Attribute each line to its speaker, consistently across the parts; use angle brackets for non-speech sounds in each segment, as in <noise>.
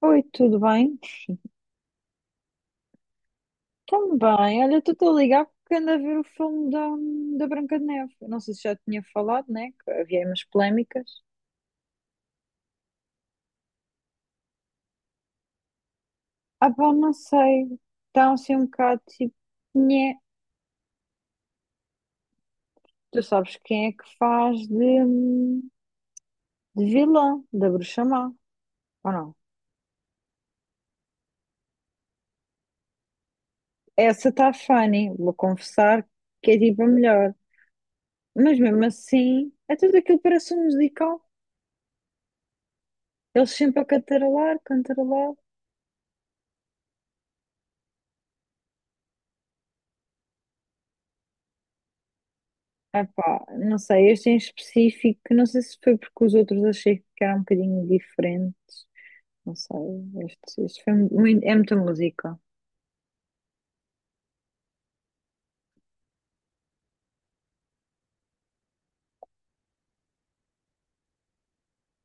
Speaker 1: Oi, tudo bem? Também. Olha, tu estou a ligar porque ando a ver o filme da Branca de Neve. Eu não sei se já tinha falado, né? Que havia aí umas polémicas. Ah, pá, não sei. Está assim um bocado tipo. Nhé. Tu sabes quem é que faz de vilã, da Bruxa Má, ou não? Essa está funny, vou confessar que é tipo a melhor. Mas mesmo assim, é tudo aquilo que parece um musical. Eles sempre a cantarolar, cantarolar. Ah pá, não sei, este em específico, não sei se foi porque os outros achei que era um bocadinho diferente, não sei, este foi muito, é muita música.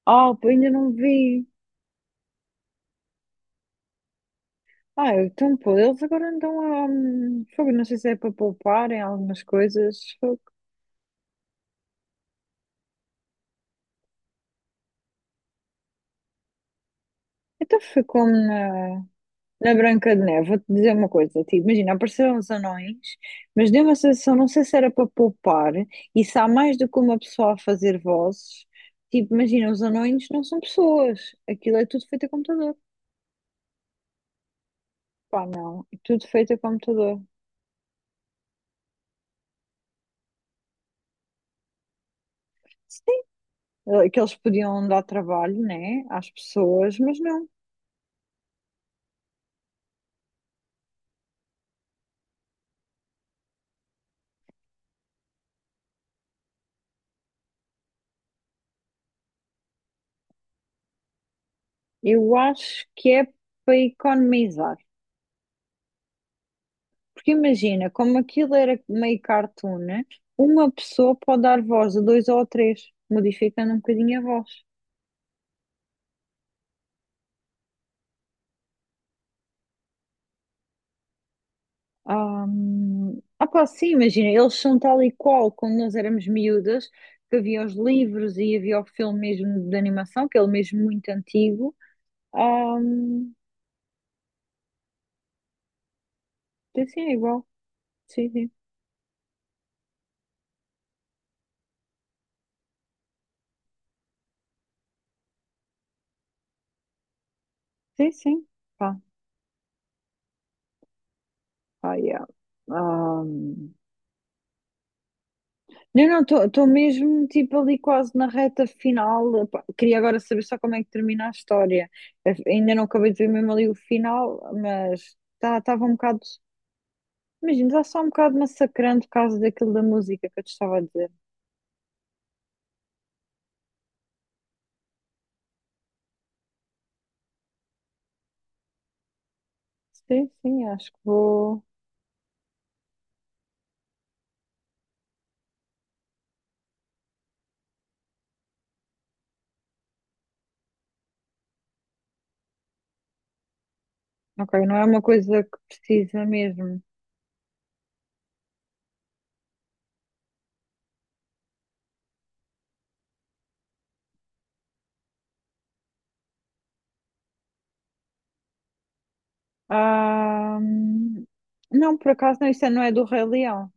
Speaker 1: Ah, pô, ainda não vi. Ah, então pô, eles agora andam a. Fogo, não sei se é para poupar em algumas coisas. Fogo. Então foi como na. Na Branca de Neve, vou-te dizer uma coisa, tipo, imagina, apareceram os anões, mas deu uma sensação, não sei se era para poupar, e se há mais do que uma pessoa a fazer vozes, tipo, imagina, os anões não são pessoas, aquilo é tudo feito a computador, pá, não, é tudo feito a computador. Sim, que eles podiam dar trabalho, né, às pessoas, mas não, eu acho que é para economizar. Porque imagina, como aquilo era meio cartoon, né? Uma pessoa pode dar voz a dois ou a três, modificando um bocadinho a voz. Ah, ah pá, sim, imagina, eles são tal e qual quando nós éramos miúdas, que havia os livros e havia o filme mesmo de animação, que é ele mesmo muito antigo. Ah, sim, sim, é igual. Sim, sim. Sim, sim. Pá, pá, yeah. Não, não, estou mesmo tipo ali quase na reta final. Pá, queria agora saber só como é que termina a história. Ainda não acabei de ver mesmo ali o final, mas estava um bocado. Imagino, está só um bocado massacrante por causa daquilo da música que eu te estava a dizer. Sim, sim, acho que vou. Ok, não é uma coisa que precisa mesmo. Ah, não, por acaso não, isso não é do Rei Leão.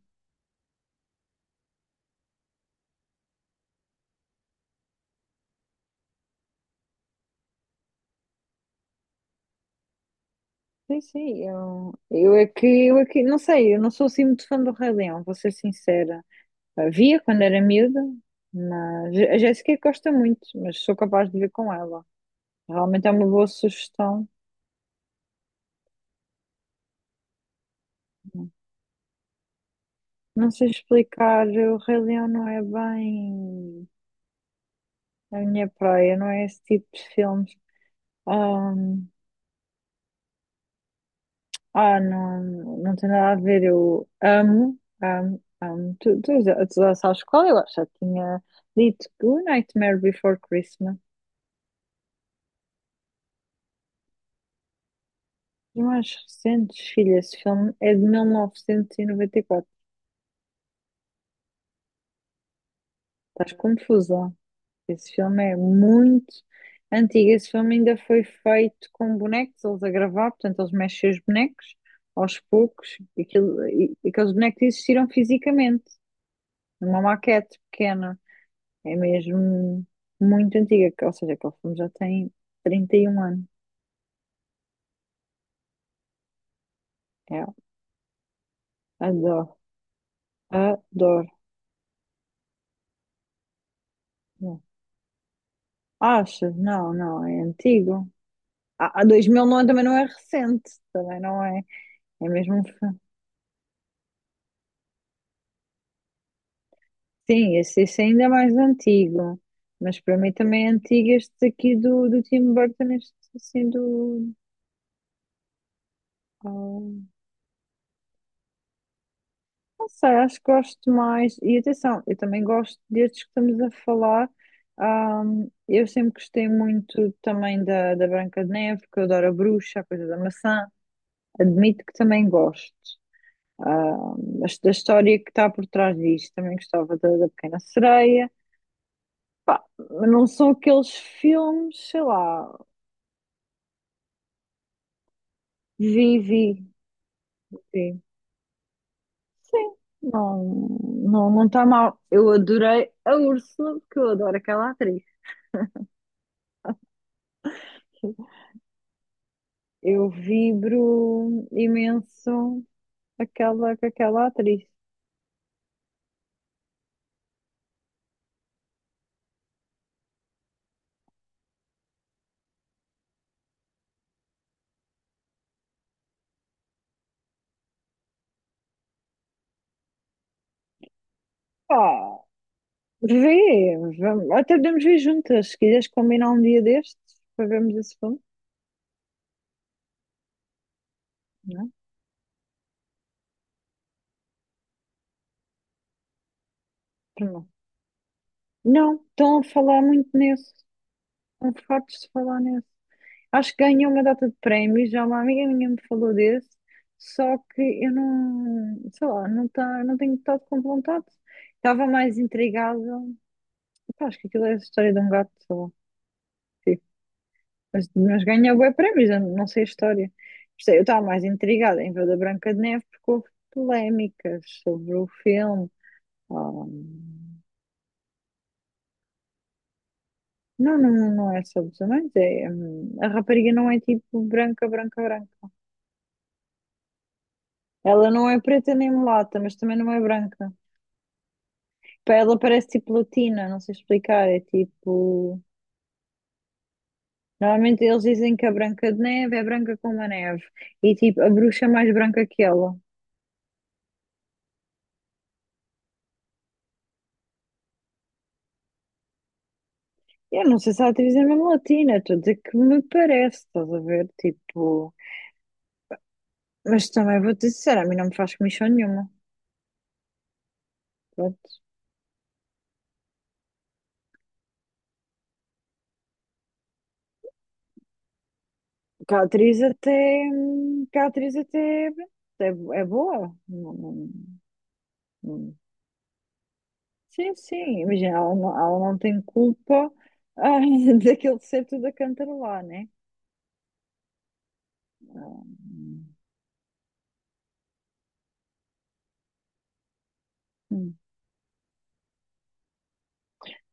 Speaker 1: Sim, sim, eu é que, não sei, eu não sou assim muito fã do Rei Leão, vou ser sincera. Havia quando era miúda, mas a Jéssica gosta muito, mas sou capaz de ver com ela. Realmente é uma boa sugestão. Não sei explicar, o Rei Leão não é bem a minha praia, não é esse tipo de filmes. Ahm, ah, não, não tem nada a ver. Eu amo, amo, amo. Tu já sabes qual eu acho. Já tinha dito que o Nightmare Before Christmas. E mais recentes, filha, esse filme é de mil novecentos e noventa e quatro. Estás confusa. Esse filme é muito antigo. Esse filme ainda foi feito com bonecos, eles a gravar, portanto, eles mexem os bonecos aos poucos. Aqueles bonecos existiram fisicamente, numa maquete pequena. É mesmo muito antiga, ou seja, aquele filme já tem 31 anos. É, adoro, adoro. Achas? Não, não, é antigo. A 2000 não, também não é recente, também não é. É mesmo um filme. Sim, esse ainda é mais antigo, mas para mim também é antigo este aqui do Tim Burton, este assim do. Ah, não sei, acho que gosto mais. E atenção, eu também gosto destes que estamos a falar. Ah, eu sempre gostei muito também da Branca de Neve, porque eu adoro a bruxa, a coisa da maçã. Admito que também gosto. Ah, mas da história que está por trás disto, também gostava da Pequena Sereia. Mas não são aqueles filmes, sei lá, Vivi. Sim, sim, não, não, não está mal. Eu adorei a Úrsula, porque eu adoro aquela atriz. Eu vibro imenso aquela, com aquela atriz. Pá, vê, vamos, até podemos ver juntas, se quiseres combinar um dia destes para vermos esse filme, não é? Para não, não, estão a falar muito nisso. Estão fartos de falar nisso. Acho que ganhou uma data de prémios, já uma amiga minha me falou desse, só que eu não, sei lá, não, tá, não tenho estado com vontade. Estava mais intrigada. Pá, acho que aquilo é a história de um gato, sei lá. Sim. Mas ganhou bué prémios, eu não sei a história. Por isso é, eu estava mais intrigada em ver da Branca de Neve porque houve polémicas sobre o filme. Ah, não, não, não é sobre os anões, é, a rapariga não é tipo branca, branca, branca. Ela não é preta nem mulata, mas também não é branca. Pá, ela parece tipo latina, não sei explicar. É tipo. Normalmente eles dizem que a Branca de Neve é branca como a neve. E tipo, a bruxa é mais branca que ela. Eu não sei se a atriz é mesmo latina, estou a dizer que me parece, estás a ver? Tipo. Mas também vou-te dizer, a mim não me faz comissão nenhuma. Pronto. Que a atriz até. Que a atriz até. É, é boa. Não- Sim, sim. Imagina, ela não tem culpa ah, <laughs> daquele ser tudo a cantarolar, né? Hum.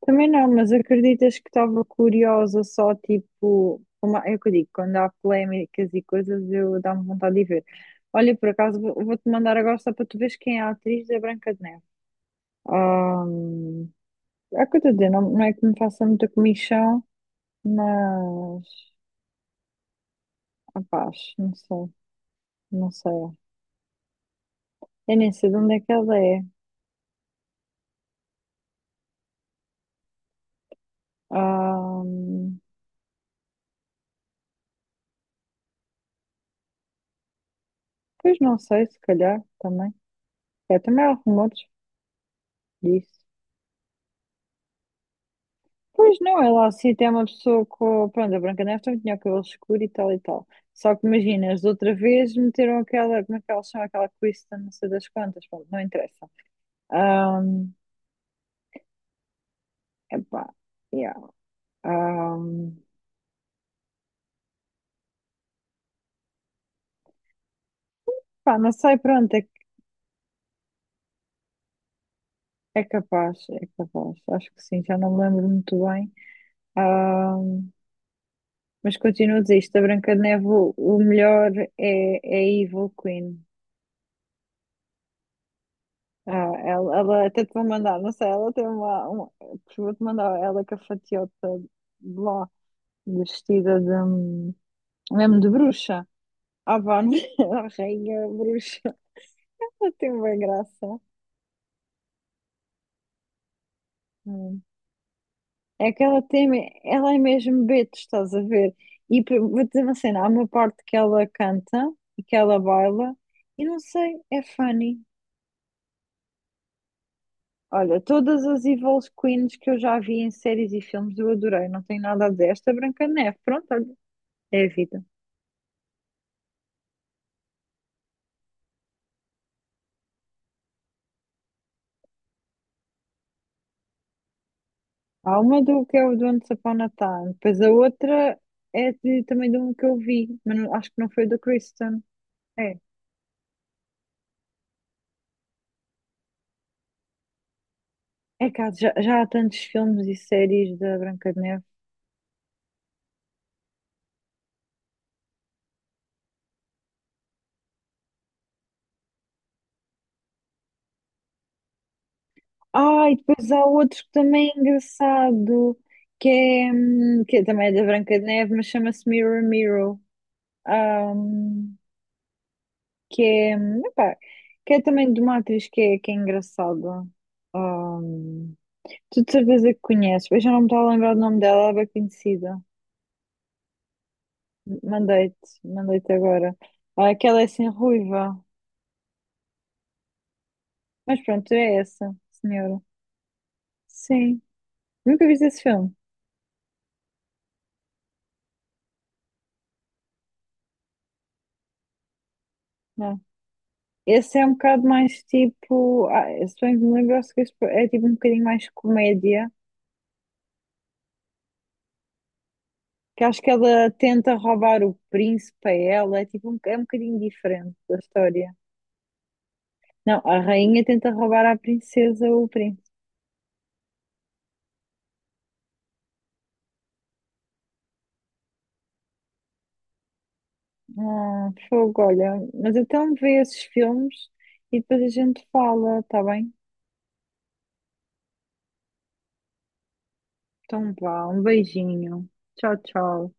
Speaker 1: Também não, mas acreditas que estava curiosa só tipo, uma, é o que eu digo, quando há polémicas e coisas eu dá-me vontade de ver. Olha, por acaso vou-te mandar agora só para tu veres quem é a atriz da Branca de Neve. Ah, é o que eu estou a dizer, não, não é que me faça muita comichão, mas rapaz, não sei, não sei. Eu nem sei de onde é que ela é. Ah, pois não sei, se calhar também. É, também há rumores disso. Pois não, ela assim tem uma pessoa com. Pronto, a Branca Neve também tinha o cabelo escuro e tal e tal. Só que imaginas, de outra vez meteram aquela. Como é que elas chamam? Aquela Kristen, não sei das quantas. Pronto, não interessa. Ahm, epá, yeah. Ahm, pá, não sei, pronto, é, é capaz, é capaz. Acho que sim, já não me lembro muito bem. Ahm, mas continuo a dizer isto: a Branca de Neve, o melhor é a Evil Queen. Ah, ela até te vou mandar, não sei, ela tem uma vou-te mandar ela com a fatiota de lá, vestida de, mesmo de bruxa. Ah, vá, né? <laughs> a rainha bruxa. Ela tem uma graça. Hum. É que ela tem, ela é mesmo Beto, estás a ver? Vou dizer uma cena, há uma parte que ela canta e que ela baila, e não sei, é funny. Olha, todas as Evil Queens que eu já vi em séries e filmes eu adorei, não tem nada a dizer. Esta Branca de Neve, pronto, é a vida. Há uma do que é o do ano de Upon a Time, depois a outra é também de um que eu vi, mas acho que não foi do Kristen. É, é que já há tantos filmes e séries da Branca de Neve. Ah, e depois há outro que também é engraçado, que é também é da Branca de Neve, mas chama-se Mirror Mirror. Ahm, que é, epá, que é também de uma atriz que é engraçada. Ahm, tu de certeza que conheces, eu já não me estou a lembrar do nome dela, ela é bem conhecida. Mandei-te agora. Ah, aquela é assim ruiva. Mas pronto, é essa, senhora. Sim. Nunca viste esse filme? Não. Esse é um bocado mais tipo. Ah, se bem que me lembro, acho que esse é tipo um bocadinho mais comédia. Que acho que ela tenta roubar o príncipe a ela. É tipo um, é um bocadinho diferente da história. Não, a rainha tenta roubar à princesa o príncipe. Ah, fogo, olha. Mas então vê esses filmes e depois a gente fala, tá bem? Então vá, um beijinho. Tchau, tchau.